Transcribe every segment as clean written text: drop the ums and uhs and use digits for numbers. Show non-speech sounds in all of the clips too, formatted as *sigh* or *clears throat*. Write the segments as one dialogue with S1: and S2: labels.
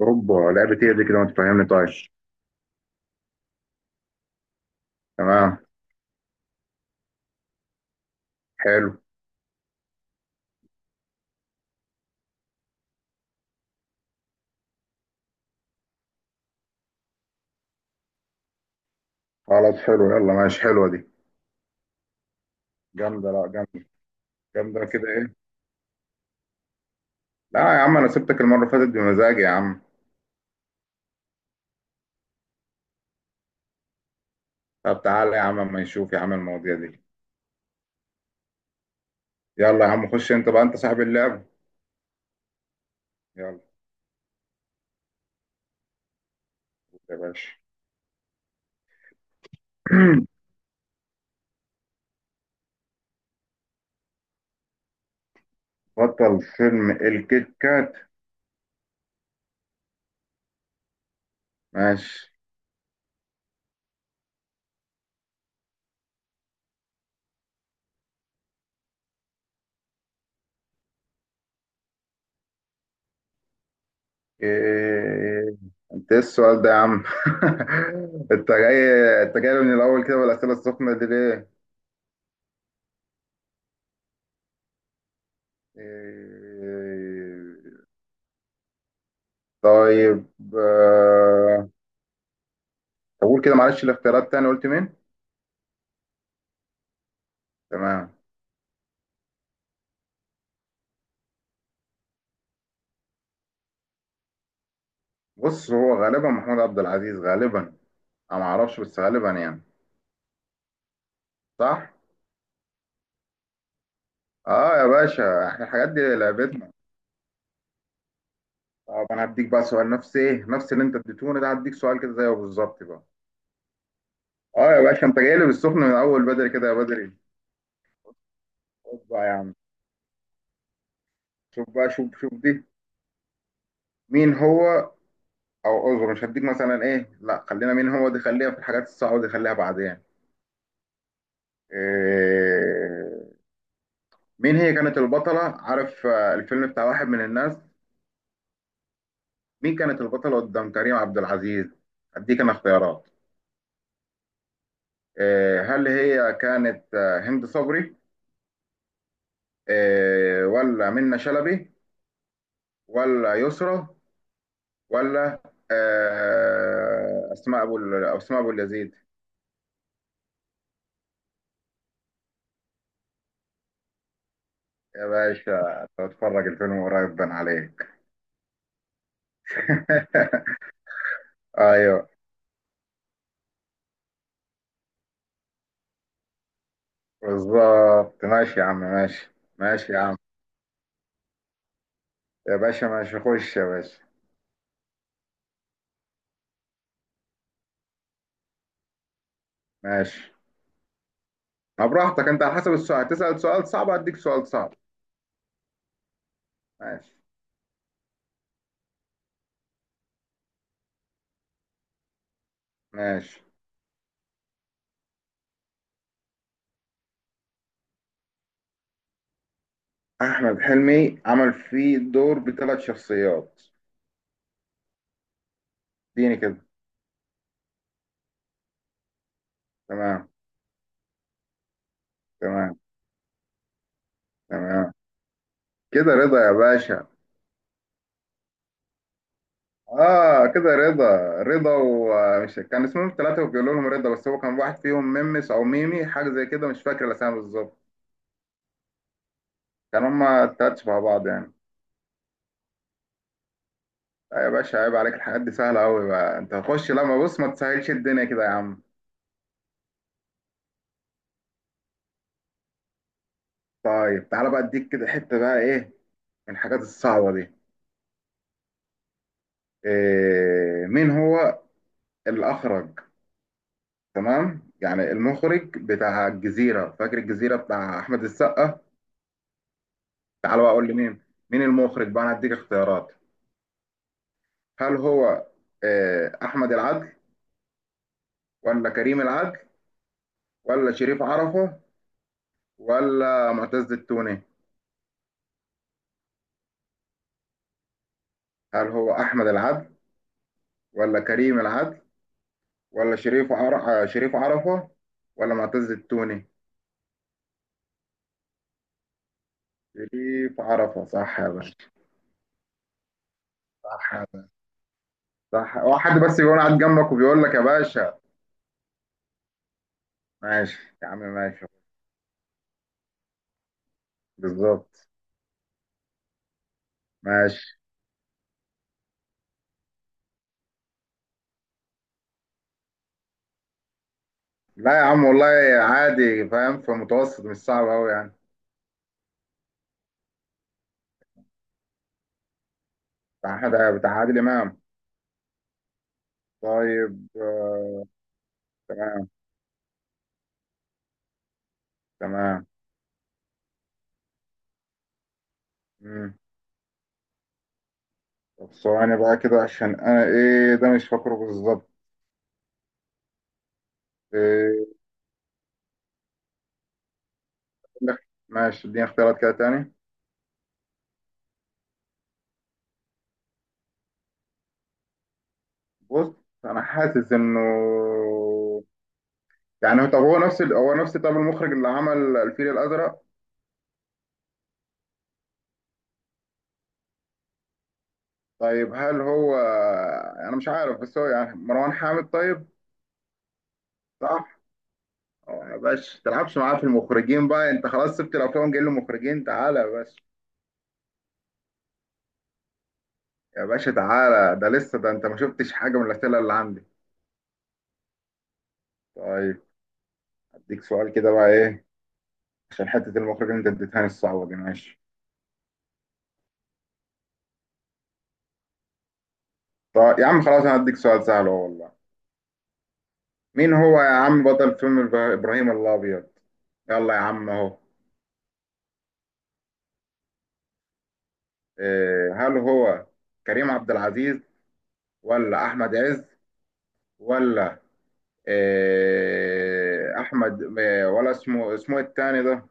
S1: اوبا، لعبة ايه دي كده؟ ما تفهمني طيب. تمام. حلو. خلاص حلو يلا ماشي. حلوة دي. جامدة، لا جامدة. جامدة كده ايه. لا يا عم، انا سبتك المرة اللي فاتت بمزاجي يا عم. طب تعالى يا عم اما نشوف يا عم المواضيع دي. يلا يا عم خش انت بقى، انت صاحب اللعب. يلا. خش يا باشا. *clears throat* بطل فيلم الكيت كات. ماشي. إيه... انت ايه السؤال ده يا عم؟ *laughs* انت جاي، انت جاي من الاول كده بالاسئله السخنه دي ليه؟ إيه... طيب. آه، طب قول كده معلش الاختيارات تاني، قلت مين؟ تمام. بص هو غالبا محمود عبد العزيز، غالبا. انا ما اعرفش بس غالبا يعني. صح؟ اه يا باشا احنا الحاجات دي لعبتنا. طب انا هديك بقى سؤال، نفس ايه؟ نفس اللي انت اديتوني ده، هديك سؤال كده زيه بالظبط بقى. اه يا باشا انت جاي لي بالسخن من اول بدري كده، يا بدري. خد بقى يا عم. شوف بقى، شوف دي. مين هو. او اعذر، مش هديك مثلا ايه، لا خلينا مين هو دي، خليها في الحاجات الصعبه دي، خليها بعدين. إيه. مين هي كانت البطلة، عارف الفيلم بتاع واحد من الناس؟ مين كانت البطلة قدام كريم عبد العزيز؟ أديك أنا اختيارات. هل هي كانت هند صبري؟ ولا منة شلبي؟ ولا يسرا؟ ولا أسماء أبو اليزيد؟ يا باشا تتفرج الفيلم قريب، بان عليك. *laughs* أيوه بالظبط، ماشي يا عم ماشي. ماشي يا عم. يا باشا ماشي، خش يا باشا. ماشي، ما براحتك انت، على حسب السؤال تسأل، سؤال صعب اديك سؤال صعب. ماشي. ماشي. احمد حلمي عمل فيه دور بثلاث شخصيات. اديني كده. تمام. تمام. تمام. كده رضا يا باشا. اه كده رضا. رضا، ومش كان اسمهم ثلاثة وبيقولوا لهم رضا؟ بس هو كان واحد فيهم ميمس او ميمي، حاجة زي كده، مش فاكر الاسامي بالظبط. كان هما التلات شبه بعض يعني. لا يا باشا عيب عليك، الحاجات دي سهلة قوي بقى. انت هتخش لما بص، ما تسهلش الدنيا كده يا عم. طيب تعالى بقى، اديك كده حتة بقى ايه، من الحاجات الصعبة دي. إيه، مين هو الأخرج، تمام يعني المخرج بتاع الجزيرة، فاكر الجزيرة بتاع أحمد السقا؟ تعال بقى أقول لي مين، مين المخرج بقى، أنا هديك اختيارات. هل هو إيه، أحمد العدل؟ ولا كريم العدل؟ ولا شريف عرفة؟ ولا معتز التوني؟ هل هو أحمد العدل؟ ولا كريم العدل؟ ولا شريف عرفة؟ ولا معتز التوني؟ شريف عرفة صح يا باشا. صح. صح، هو حد بس يكون قاعد جنبك وبيقول لك يا باشا. ماشي يا عم ماشي. بالظبط. ماشي. لا يا عم والله، عادي، فاهم في متوسط مش صعب قوي يعني. بتاع عادل امام. طيب تمام. تمام. مم. طب ثواني بقى كده، عشان انا ايه ده مش فاكره بالظبط. إيه. لك ماشي، اديني اختيارات كده تاني. بص انا حاسس انه يعني، طب هو نفس هو نفس، طب المخرج اللي عمل الفيل الازرق. طيب هل هو، انا مش عارف بس هو يعني مروان حامد، طيب؟ صح. أه يا باشا تلعبش معاه في المخرجين بقى، انت خلاص سبت الافلام جاي له مخرجين، تعالى يا باشا. يا باشا تعالى، ده لسه ده، انت ما شفتش حاجه من الاسئله اللي عندي. طيب هديك سؤال كده بقى ايه، عشان حته المخرجين انت اديتهاني الصعبه دي، ماشي. طيب يا عم خلاص انا هديك سؤال سهل اهو والله. مين هو يا عم بطل فيلم ابراهيم الابيض؟ يلا يا عم اهو. إيه، هل هو كريم عبد العزيز؟ ولا احمد عز؟ ولا احمد ولا اسمه، اسمه التاني ده،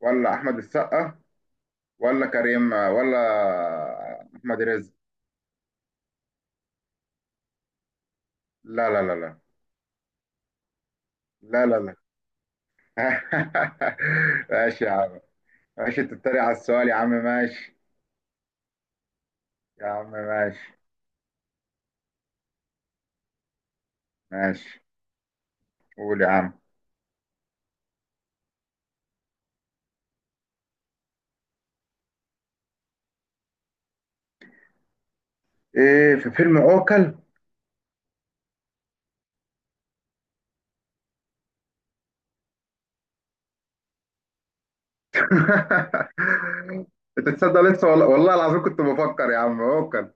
S1: ولا احمد السقا؟ ولا كريم ولا احمد رزق؟ لا لا لا لا. لا لا لا. *laughs* ماشي يا عم. ماشي، انت بتتريق على السؤال يا عم، ماشي. يا عم ماشي. ماشي. قول يا عم. ايه في فيلم اوكل؟ *laughs* انت تصدق لسه والله، والله العظيم كنت بفكر يا عم اوكل.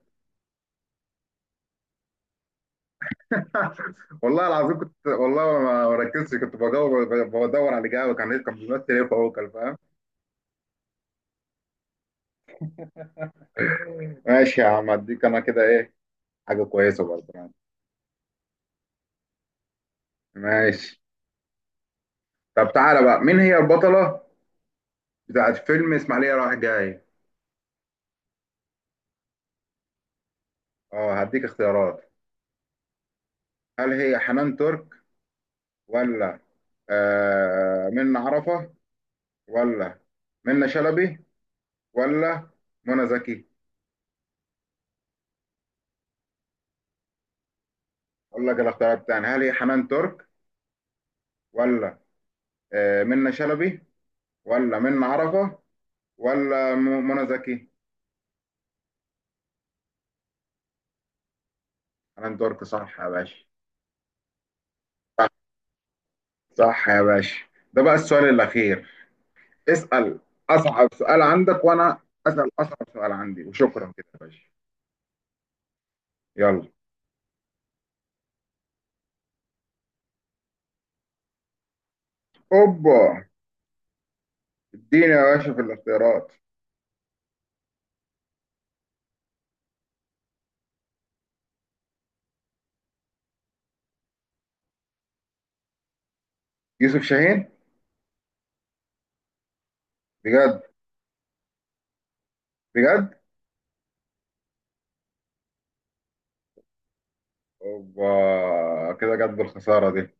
S1: *laughs* والله العظيم كنت، والله ما ركزتش، كنت بدور، بدور على الاجابه، كان كان بيمثل ايه في اوكل، فاهم؟ ماشي يا عم، اديك انا كده ايه، حاجه كويسه برضه يعني. ماشي. طب تعالى بقى، مين هي البطله بتاعت فيلم اسماعيليه رايح جاي؟ اه هديك اختيارات. هل هي حنان ترك؟ ولا آه منة عرفه؟ ولا منة شلبي؟ ولا منى زكي؟ اقول لك الاختيارات التانية، هل هي حنان ترك؟ ولا آه منة شلبي؟ ولا منة عرفه؟ ولا منى زكي؟ حنان ترك صح يا باشا. صح يا باشا. ده بقى السؤال الأخير، اسأل أصعب سؤال عندك، وأنا أسأل أصعب سؤال عندي، وشكرا كده يا باشا. يلا. أوبا، اديني يا باشا في الاختيارات. يوسف شاهين. بجد؟ بجد؟ أوبا، كده جت بالخسارة دي.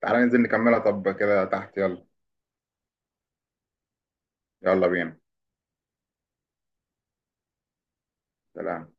S1: تعالى ننزل نكملها طب كده تحت، يلا. يلا بينا. سلام.